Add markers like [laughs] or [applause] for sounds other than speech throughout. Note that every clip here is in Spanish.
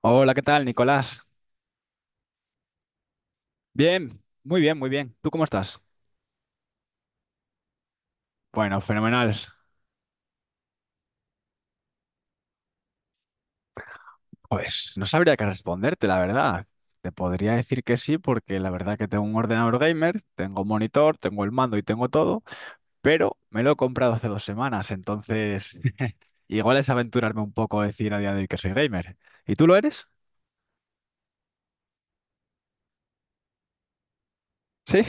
Hola, ¿qué tal, Nicolás? Bien, muy bien, muy bien. ¿Tú cómo estás? Bueno, fenomenal. Pues no sabría qué responderte, la verdad. Te podría decir que sí, porque la verdad que tengo un ordenador gamer, tengo un monitor, tengo el mando y tengo todo, pero me lo he comprado hace 2 semanas, entonces [laughs] igual es aventurarme un poco a decir a día de hoy que soy gamer. ¿Y tú lo eres? Sí.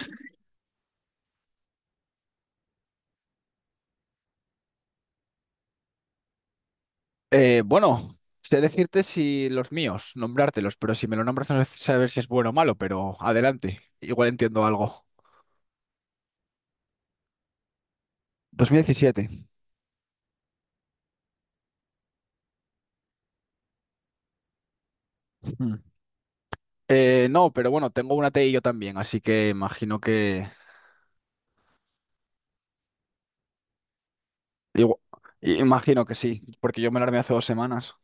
Bueno, sé decirte si los míos, nombrártelos, pero si me lo nombras no sé saber si es bueno o malo, pero adelante, igual entiendo algo. 2017. Mm. No, pero bueno, tengo una T TI yo también, así que imagino que... igu- imagino que sí, porque yo me la armé hace 2 semanas.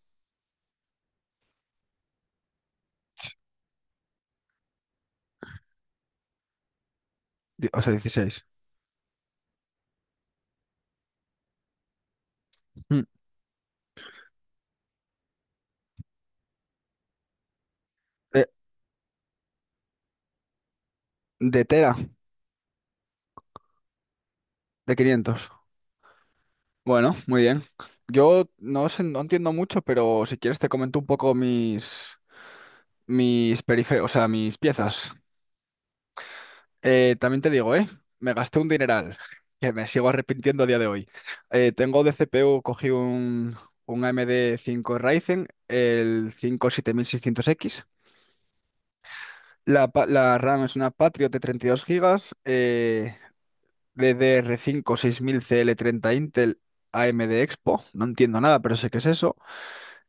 O sea, 16. Mm. De, de tela, de 500. Bueno, muy bien. Yo no sé, no entiendo mucho, pero si quieres te comento un poco mis periféricos, o sea, mis piezas. También te digo, ¿eh? Me gasté un dineral, [laughs] que me sigo arrepintiendo a día de hoy. Tengo de CPU, cogí un AMD 5 Ryzen, el 5 7600X. La RAM es una Patriot de 32 gigas, DDR5 6000CL30 Intel AMD Expo. No entiendo nada, pero sé qué es eso.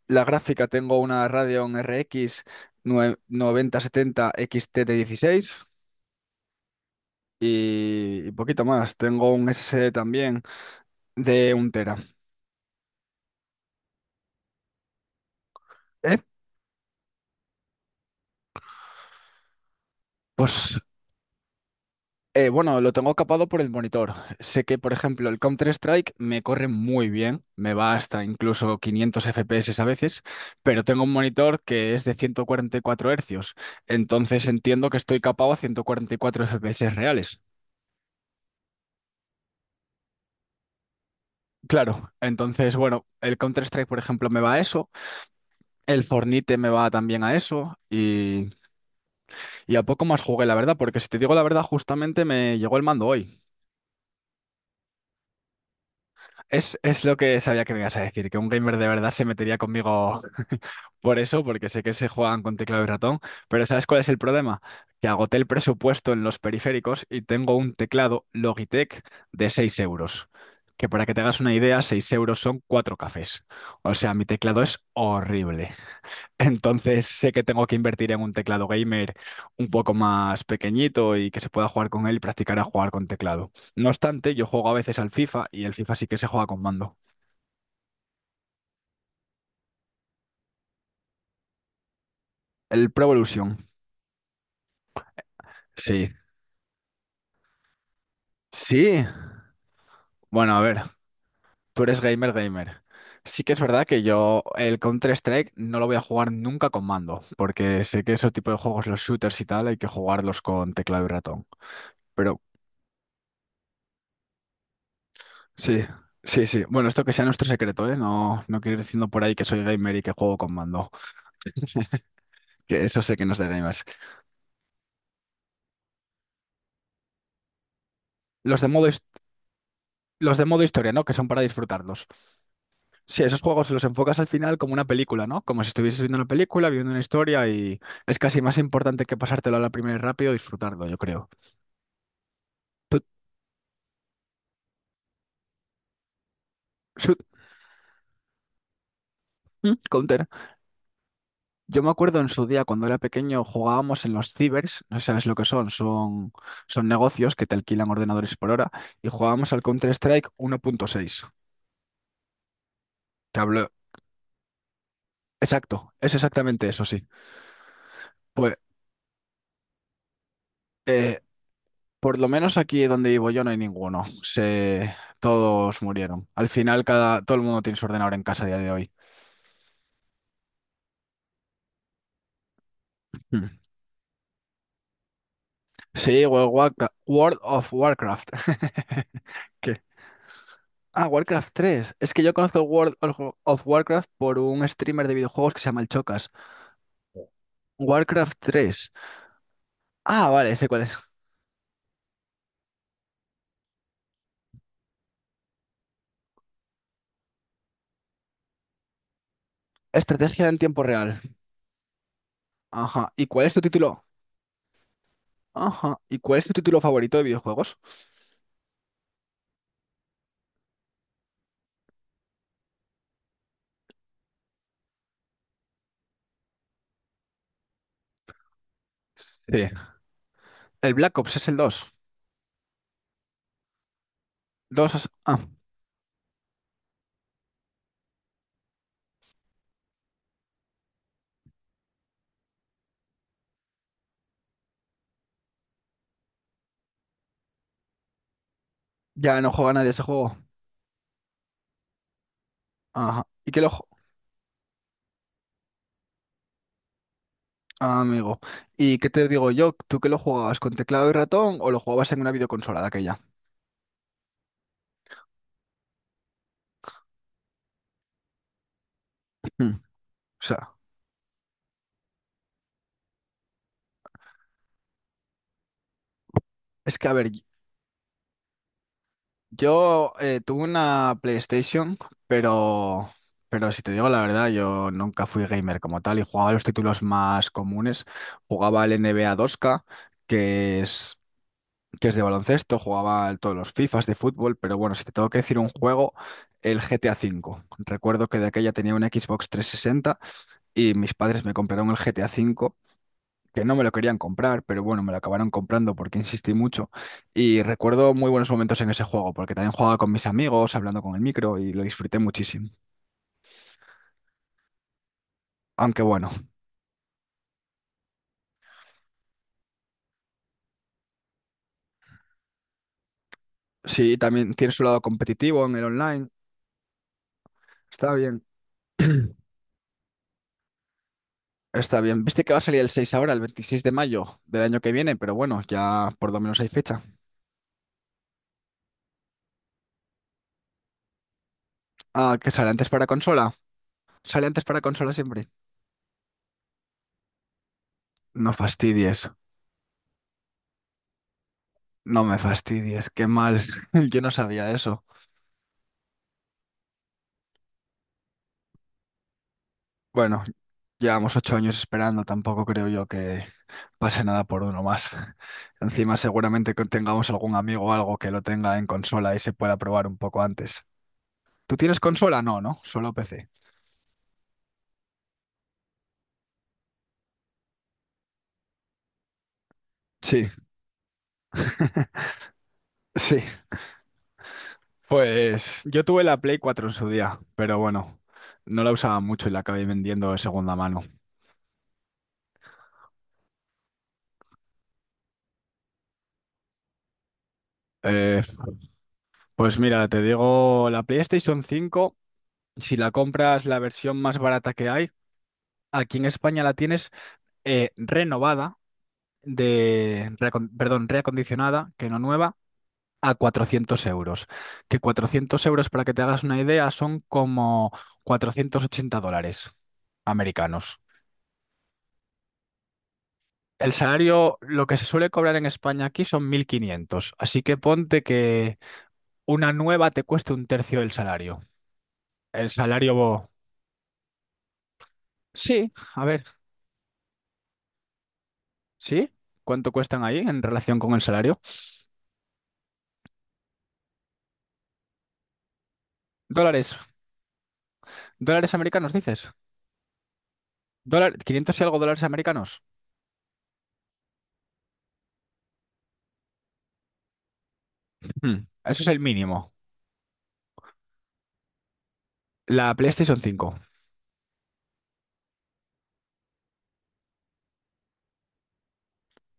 La gráfica tengo una Radeon RX 9070 XT de 16 y poquito más. Tengo un SSD también de un tera. Eh, Pues, bueno, lo tengo capado por el monitor. Sé que, por ejemplo, el Counter-Strike me corre muy bien, me va hasta incluso 500 FPS a veces, pero tengo un monitor que es de 144 Hz, entonces entiendo que estoy capado a 144 FPS reales. Claro, entonces, bueno, el Counter-Strike, por ejemplo, me va a eso, el Fornite me va también a eso, y a poco más jugué, la verdad, porque si te digo la verdad, justamente me llegó el mando hoy. Es lo que sabía que me ibas a decir, que un gamer de verdad se metería conmigo por eso, porque sé que se juegan con teclado y ratón, pero ¿sabes cuál es el problema? Que agoté el presupuesto en los periféricos y tengo un teclado Logitech de 6 euros, que para que te hagas una idea, 6 euros son 4 cafés. O sea, mi teclado es horrible. [laughs] Entonces sé que tengo que invertir en un teclado gamer un poco más pequeñito y que se pueda jugar con él y practicar a jugar con teclado. No obstante, yo juego a veces al FIFA y el FIFA sí que se juega con mando. El Pro Evolution. Sí. Sí. Bueno, a ver, tú eres gamer, gamer. Sí que es verdad que yo el Counter-Strike no lo voy a jugar nunca con mando, porque sé que esos tipos de juegos, los shooters y tal, hay que jugarlos con teclado y ratón. Pero sí, sí, sí. Bueno, esto que sea nuestro secreto, ¿eh? No, no quiero ir diciendo por ahí que soy gamer y que juego con mando, que eso sé que no es de gamers. Los de modo, his- los de modo historia, ¿no? Que son para disfrutarlos. Sí, esos juegos los enfocas al final como una película, ¿no? Como si estuvieses viendo una película, viviendo una historia y es casi más importante que pasártelo a la primera y rápido, disfrutarlo, yo creo. Tut, shut, Counter. Yo me acuerdo en su día cuando era pequeño jugábamos en los cibers, no sé si sabes lo que son, son negocios que te alquilan ordenadores por hora y jugábamos al Counter-Strike 1.6. Te hablo, exacto, es exactamente eso, sí. Pues eh, Por lo menos aquí donde vivo yo no hay ninguno. Todos murieron. Al final todo el mundo tiene su ordenador en casa a día de hoy. Hmm. Sí, World of Warcraft. [laughs] ¿Qué? Ah, Warcraft 3. Es que yo conozco el World of Warcraft por un streamer de videojuegos que se llama El Chocas. Warcraft 3. Ah, vale, sé cuál es. Estrategia en tiempo real. Ajá. ¿Y cuál es tu título? Ajá. ¿Y cuál es tu título favorito de videojuegos? Sí. El Black Ops es el 2. Dos. Ah, ya no juega nadie ese juego. Ajá. Ah, amigo. ¿Y qué te digo yo? ¿Tú que lo jugabas con teclado y ratón o lo jugabas en una videoconsola de aquella? Mm. [clears throat] O sea, es que a ver, yo tuve una PlayStation, pero... Pero si te digo la verdad, yo nunca fui gamer como tal y jugaba los títulos más comunes. Jugaba el NBA 2K, que es, que es, de baloncesto, todos los FIFAs de fútbol, pero bueno, si te tengo que decir un juego, el GTA V. Recuerdo que de aquella tenía una Xbox 360. Y mis padres me compraron el GTA V, que no me lo querían comprar, pero bueno, me lo acabaron comprando porque insistí mucho. Y recuerdo muy buenos momentos en ese juego, porque también jugaba con mis amigos, hablando con el micro y lo disfruté muchísimo. Aunque bueno, sí, también tiene su lado competitivo en el online, está bien. Está bien. Viste que va a salir el 6 ahora, el 26 de mayo del año que viene, pero bueno, ya por lo menos hay fecha. Ah, que sale antes para consola. Sale antes para consola siempre. No fastidies. No me fastidies. Qué mal. [laughs] Yo no sabía eso. Bueno, llevamos 8 años esperando, tampoco creo yo que pase nada por uno más. [laughs] Encima seguramente que tengamos algún amigo o algo que lo tenga en consola y se pueda probar un poco antes. ¿Tú tienes consola? No, ¿no? Solo PC. Sí, [laughs] sí. Pues yo tuve la Play 4 en su día, pero bueno, no la usaba mucho y la acabé vendiendo de segunda mano. Eh, pues mira, te digo, la PlayStation 5, si la compras la versión más barata que hay, aquí en España la tienes renovada, perdón, reacondicionada, que no nueva, a 400 euros. Que 400 euros, para que te hagas una idea, son como 480 dólares americanos. El salario, lo que se suele cobrar en España aquí son 1.500, así que ponte que una nueva te cueste un tercio del salario. El salario... bo- Sí, a ver, ¿sí? ¿Cuánto cuestan ahí en relación con el salario? Dólares, dólares americanos, dices. Dólar, 500 y algo dólares americanos. Hmm, Eso es el mínimo. La PlayStation 5.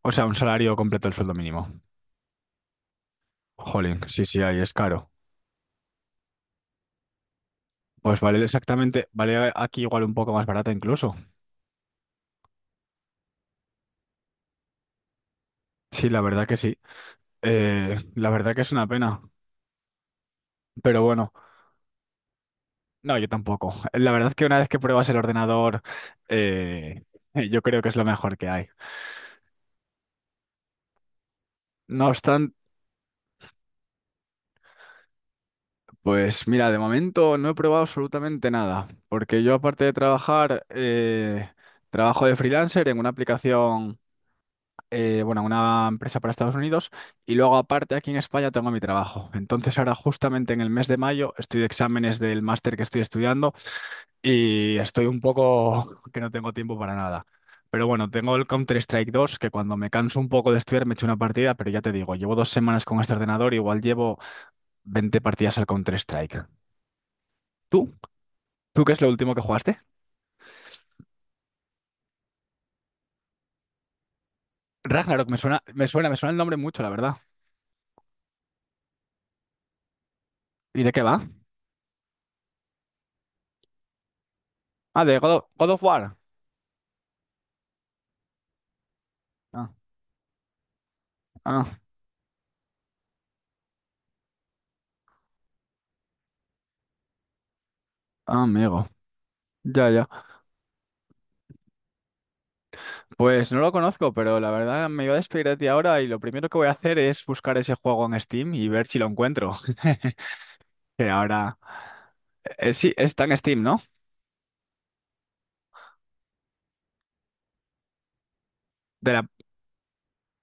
O sea, un salario completo del sueldo mínimo. Jolín, sí, sí, ahí es caro. Pues vale exactamente, vale aquí igual un poco más barata incluso. Sí, la verdad que sí. La verdad que es una pena. Pero bueno, no, yo tampoco. La verdad que una vez que pruebas el ordenador, eh, yo creo que es lo mejor que hay. No obstante, pues mira, de momento no he probado absolutamente nada. Porque yo aparte de trabajar, trabajo de freelancer en una aplicación bueno, a una empresa para Estados Unidos y luego aparte aquí en España tengo mi trabajo. Entonces ahora justamente en el mes de mayo estoy de exámenes del máster que estoy estudiando y estoy un poco [laughs] que no tengo tiempo para nada. Pero bueno, tengo el Counter-Strike dos que cuando me canso un poco de estudiar me echo una partida, pero ya te digo, llevo 2 semanas con este ordenador, igual llevo 20 partidas al Counter-Strike. ¿Tú? ¿Tú qué es lo último que jugaste? Ragnarok, me suena, me suena, me suena el nombre mucho, la verdad. ¿Y de qué va? Ah, de God of War. Ah, ah, ah, amigo. Ya, ya. Pues no lo conozco, pero la verdad me iba a despedir de ti ahora y lo primero que voy a hacer es buscar ese juego en Steam y ver si lo encuentro. [laughs] Que ahora, sí, está en Steam, ¿no? De la...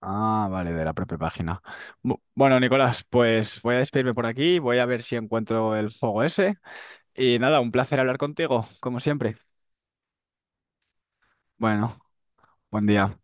Ah, vale, de la propia página. Bueno, Nicolás, pues voy a despedirme por aquí, voy a ver si encuentro el juego ese. Y nada, un placer hablar contigo, como siempre. Bueno, buen día.